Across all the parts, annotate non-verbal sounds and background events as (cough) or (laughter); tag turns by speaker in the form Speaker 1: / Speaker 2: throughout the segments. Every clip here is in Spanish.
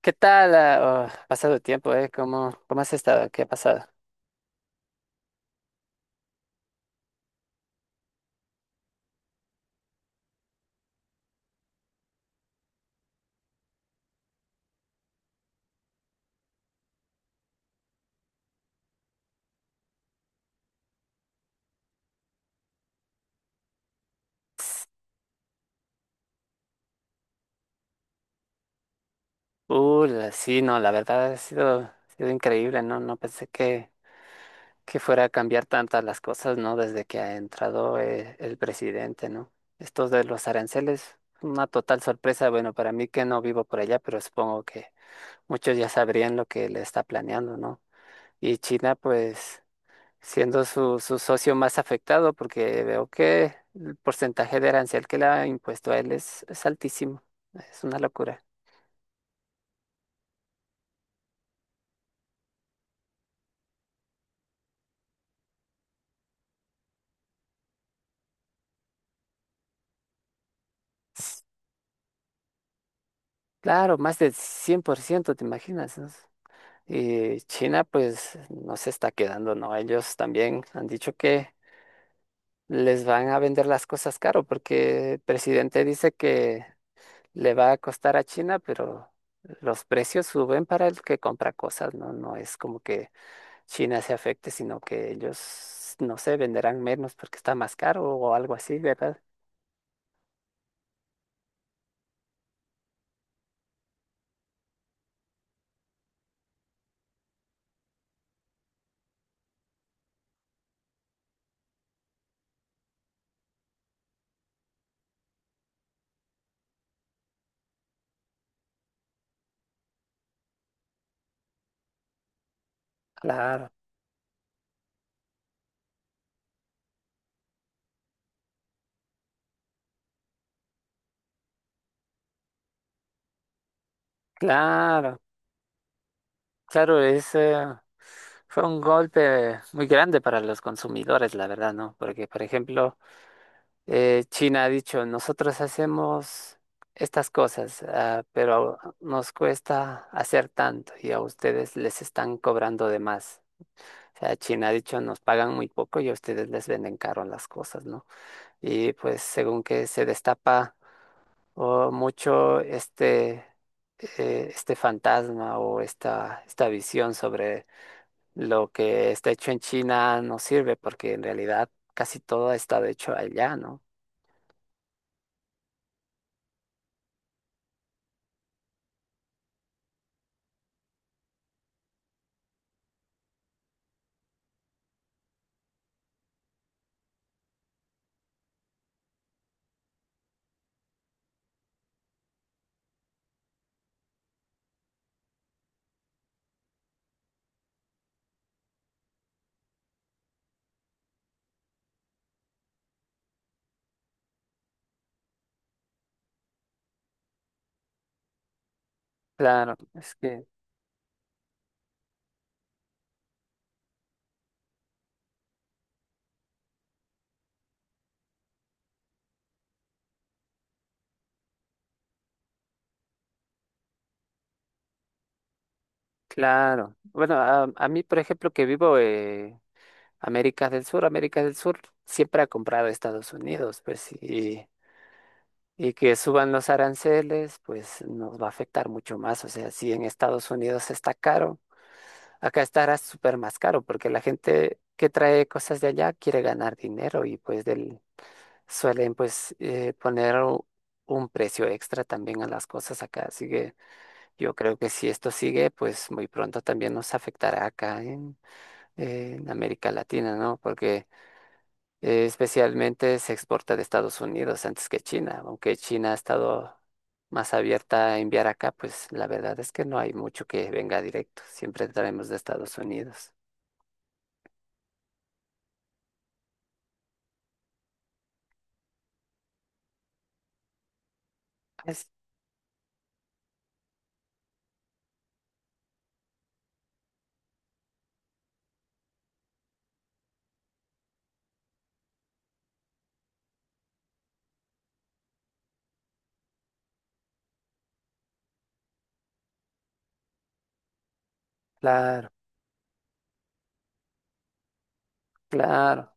Speaker 1: ¿Qué tal? Ah, oh, pasado el tiempo, ¿eh? ¿Cómo has estado? ¿Qué ha pasado? Sí, no, la verdad ha sido increíble, ¿no? No pensé que fuera a cambiar tantas las cosas, ¿no? Desde que ha entrado el presidente, ¿no? Esto de los aranceles, una total sorpresa, bueno, para mí que no vivo por allá, pero supongo que muchos ya sabrían lo que le está planeando, ¿no? Y China, pues, siendo su socio más afectado, porque veo que el porcentaje de arancel que le ha impuesto a él es altísimo. Es una locura. Claro, más del 100%, ¿te imaginas? ¿no? Y China, pues, no se está quedando, ¿no? Ellos también han dicho que les van a vender las cosas caro, porque el presidente dice que le va a costar a China, pero los precios suben para el que compra cosas, ¿no? No es como que China se afecte, sino que ellos, no sé, venderán menos porque está más caro o algo así, ¿verdad? Claro, claro, claro, fue un golpe muy grande para los consumidores, la verdad, ¿no? Porque, por ejemplo, China ha dicho, nosotros hacemos estas cosas, ah, pero nos cuesta hacer tanto y a ustedes les están cobrando de más. O sea, China ha dicho, nos pagan muy poco y a ustedes les venden caro las cosas, ¿no? Y pues según que se destapa o mucho este, este fantasma o esta visión sobre lo que está hecho en China no sirve porque en realidad casi todo ha estado hecho allá, ¿no? Claro, es que, claro. Bueno, a mí, por ejemplo, que vivo en América del Sur siempre ha comprado Estados Unidos, pues sí. Y que suban los aranceles, pues nos va a afectar mucho más. O sea, si en Estados Unidos está caro, acá estará súper más caro porque la gente que trae cosas de allá quiere ganar dinero y pues suelen pues poner un precio extra también a las cosas acá. Así que yo creo que si esto sigue, pues muy pronto también nos afectará acá en América Latina, ¿no? Porque especialmente se exporta de Estados Unidos antes que China, aunque China ha estado más abierta a enviar acá, pues la verdad es que no hay mucho que venga directo, siempre traemos de Estados Unidos. Es claro. Claro,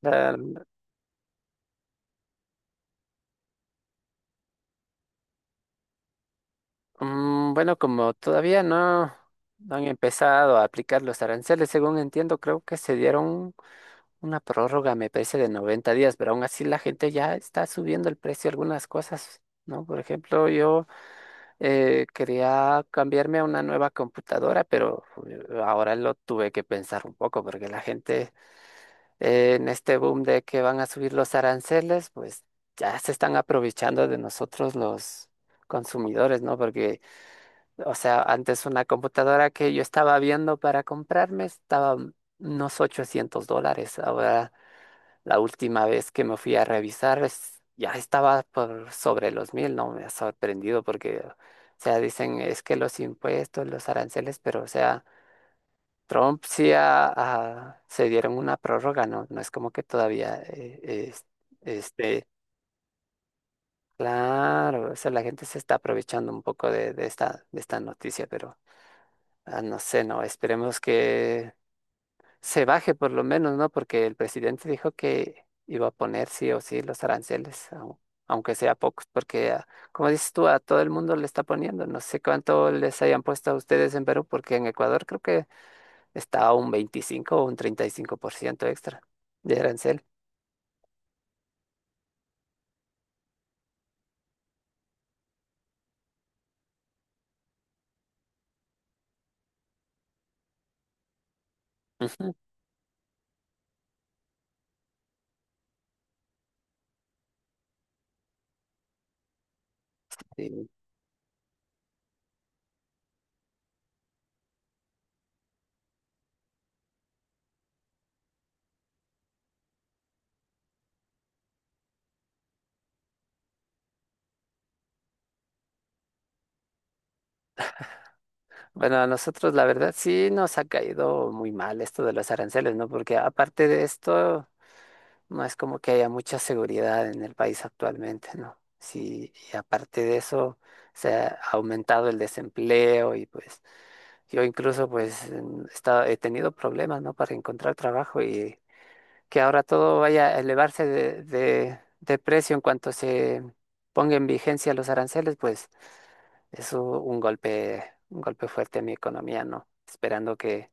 Speaker 1: claro. Bueno, como todavía no, no han empezado a aplicar los aranceles, según entiendo, creo que se dieron una prórroga, me parece, de 90 días, pero aún así la gente ya está subiendo el precio de algunas cosas, ¿no? Por ejemplo, yo quería cambiarme a una nueva computadora, pero ahora lo tuve que pensar un poco porque la gente, en este boom de que van a subir los aranceles, pues ya se están aprovechando de nosotros los consumidores, ¿no? Porque, o sea, antes una computadora que yo estaba viendo para comprarme estaba, unos $800, ahora la última vez que me fui a revisar ya estaba por sobre los mil, ¿no? Me ha sorprendido porque, o sea, dicen es que los impuestos, los aranceles, pero, o sea, Trump sí se dieron una prórroga, ¿no? No es como que todavía, este, claro, o sea, la gente se está aprovechando un poco de esta noticia, pero ah, no sé, ¿no? Esperemos que se baje por lo menos, ¿no? Porque el presidente dijo que iba a poner sí o sí los aranceles, aunque sea pocos, porque ah, como dices tú, a todo el mundo le está poniendo, no sé cuánto les hayan puesto a ustedes en Perú, porque en Ecuador creo que está a un 25% o un 35% extra de arancel. Ujú. Sí. Bueno, a nosotros la verdad sí nos ha caído muy mal esto de los aranceles, ¿no? Porque aparte de esto, no es como que haya mucha seguridad en el país actualmente, ¿no? Sí, y aparte de eso, se ha aumentado el desempleo y pues yo incluso pues he tenido problemas, ¿no? Para encontrar trabajo y que ahora todo vaya a elevarse de precio en cuanto se ponga en vigencia los aranceles, pues es un golpe fuerte a mi economía, ¿no? Esperando que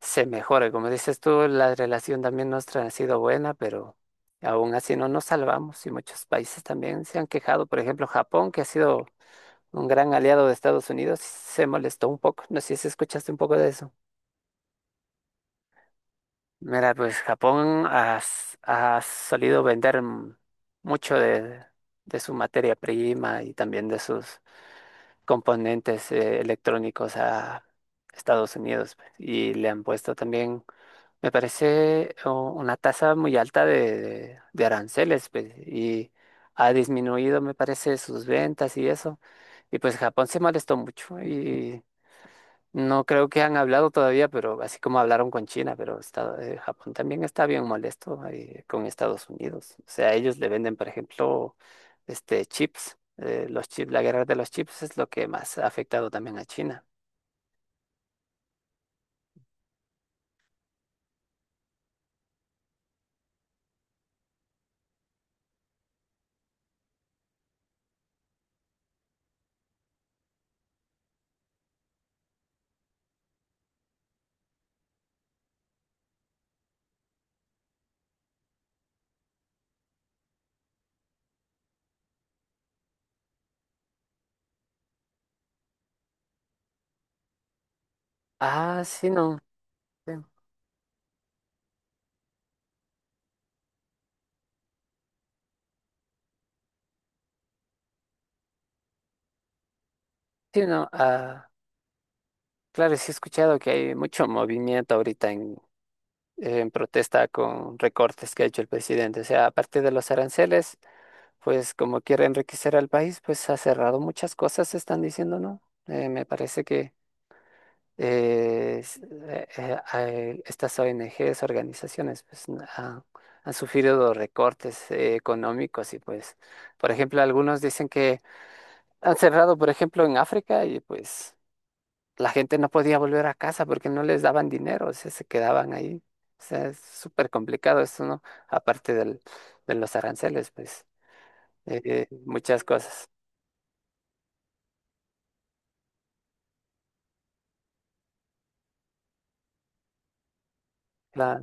Speaker 1: se mejore. Como dices tú, la relación también nuestra ha sido buena, pero aún así no nos salvamos y muchos países también se han quejado. Por ejemplo, Japón, que ha sido un gran aliado de Estados Unidos, se molestó un poco. No sé si escuchaste un poco de eso. Mira, pues Japón ha solido vender mucho de su materia prima y también de sus componentes, electrónicos a Estados Unidos, pues. Y le han puesto también, me parece, oh, una tasa muy alta de aranceles, pues, y ha disminuido, me parece, sus ventas y eso. Y pues Japón se molestó mucho y no creo que han hablado todavía, pero así como hablaron con China, pero Japón también está bien molesto, con Estados Unidos. O sea, ellos le venden, por ejemplo, este chips, los chips, la guerra de los chips es lo que más ha afectado también a China. Ah, sí, no. Sí, sí, no. Claro, sí he escuchado que hay mucho movimiento ahorita en protesta con recortes que ha hecho el presidente. O sea, aparte de los aranceles, pues como quiere enriquecer al país, pues ha cerrado muchas cosas, están diciendo, ¿no? Me parece que eh, s- eh, eh, estas ONGs, organizaciones, pues han sufrido recortes económicos y pues, por ejemplo, algunos dicen que han cerrado, por ejemplo, en África y pues la gente no podía volver a casa porque no les daban dinero, o sea, se quedaban ahí. O sea, es súper complicado esto, ¿no? Aparte de los aranceles, pues, muchas cosas. La-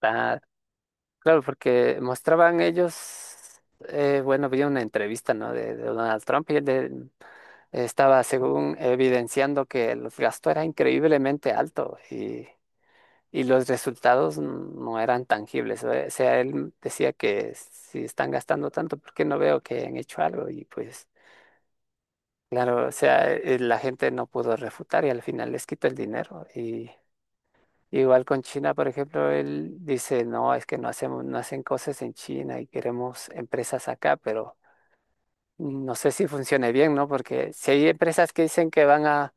Speaker 1: la- claro, porque mostraban ellos, bueno, había una entrevista, ¿no? De Donald Trump y él estaba, según, evidenciando que el gasto era increíblemente alto y los resultados no eran tangibles. O sea, él decía que si están gastando tanto, ¿por qué no veo que han hecho algo? Y pues, claro, o sea, la gente no pudo refutar y al final les quitó el dinero. Y igual con China, por ejemplo, él dice, no, es que no hacemos, no hacen cosas en China y queremos empresas acá, pero no sé si funcione bien, ¿no? Porque si hay empresas que dicen que van a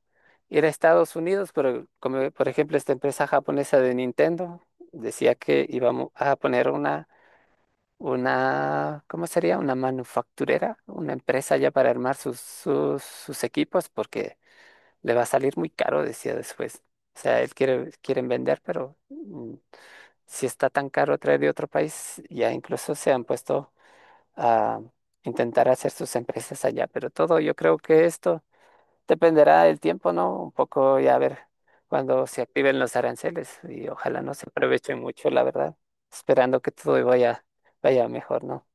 Speaker 1: ir a Estados Unidos, pero como por ejemplo esta empresa japonesa de Nintendo decía que íbamos a poner una, ¿cómo sería? Una manufacturera, una empresa ya para armar sus equipos, porque le va a salir muy caro, decía después. O sea, él quiere, quieren vender, pero si está tan caro traer de otro país, ya incluso se han puesto a intentar hacer sus empresas allá. Pero todo yo creo que esto dependerá del tiempo, ¿no? Un poco ya a ver cuando se activen los aranceles y ojalá no se aprovechen mucho, la verdad, esperando que todo vaya mejor, ¿no?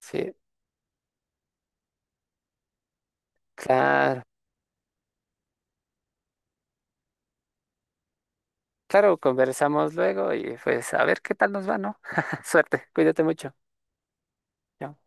Speaker 1: Sí, claro. Claro, conversamos luego y pues a ver qué tal nos va, ¿no? (laughs) Suerte, cuídate mucho. Chao.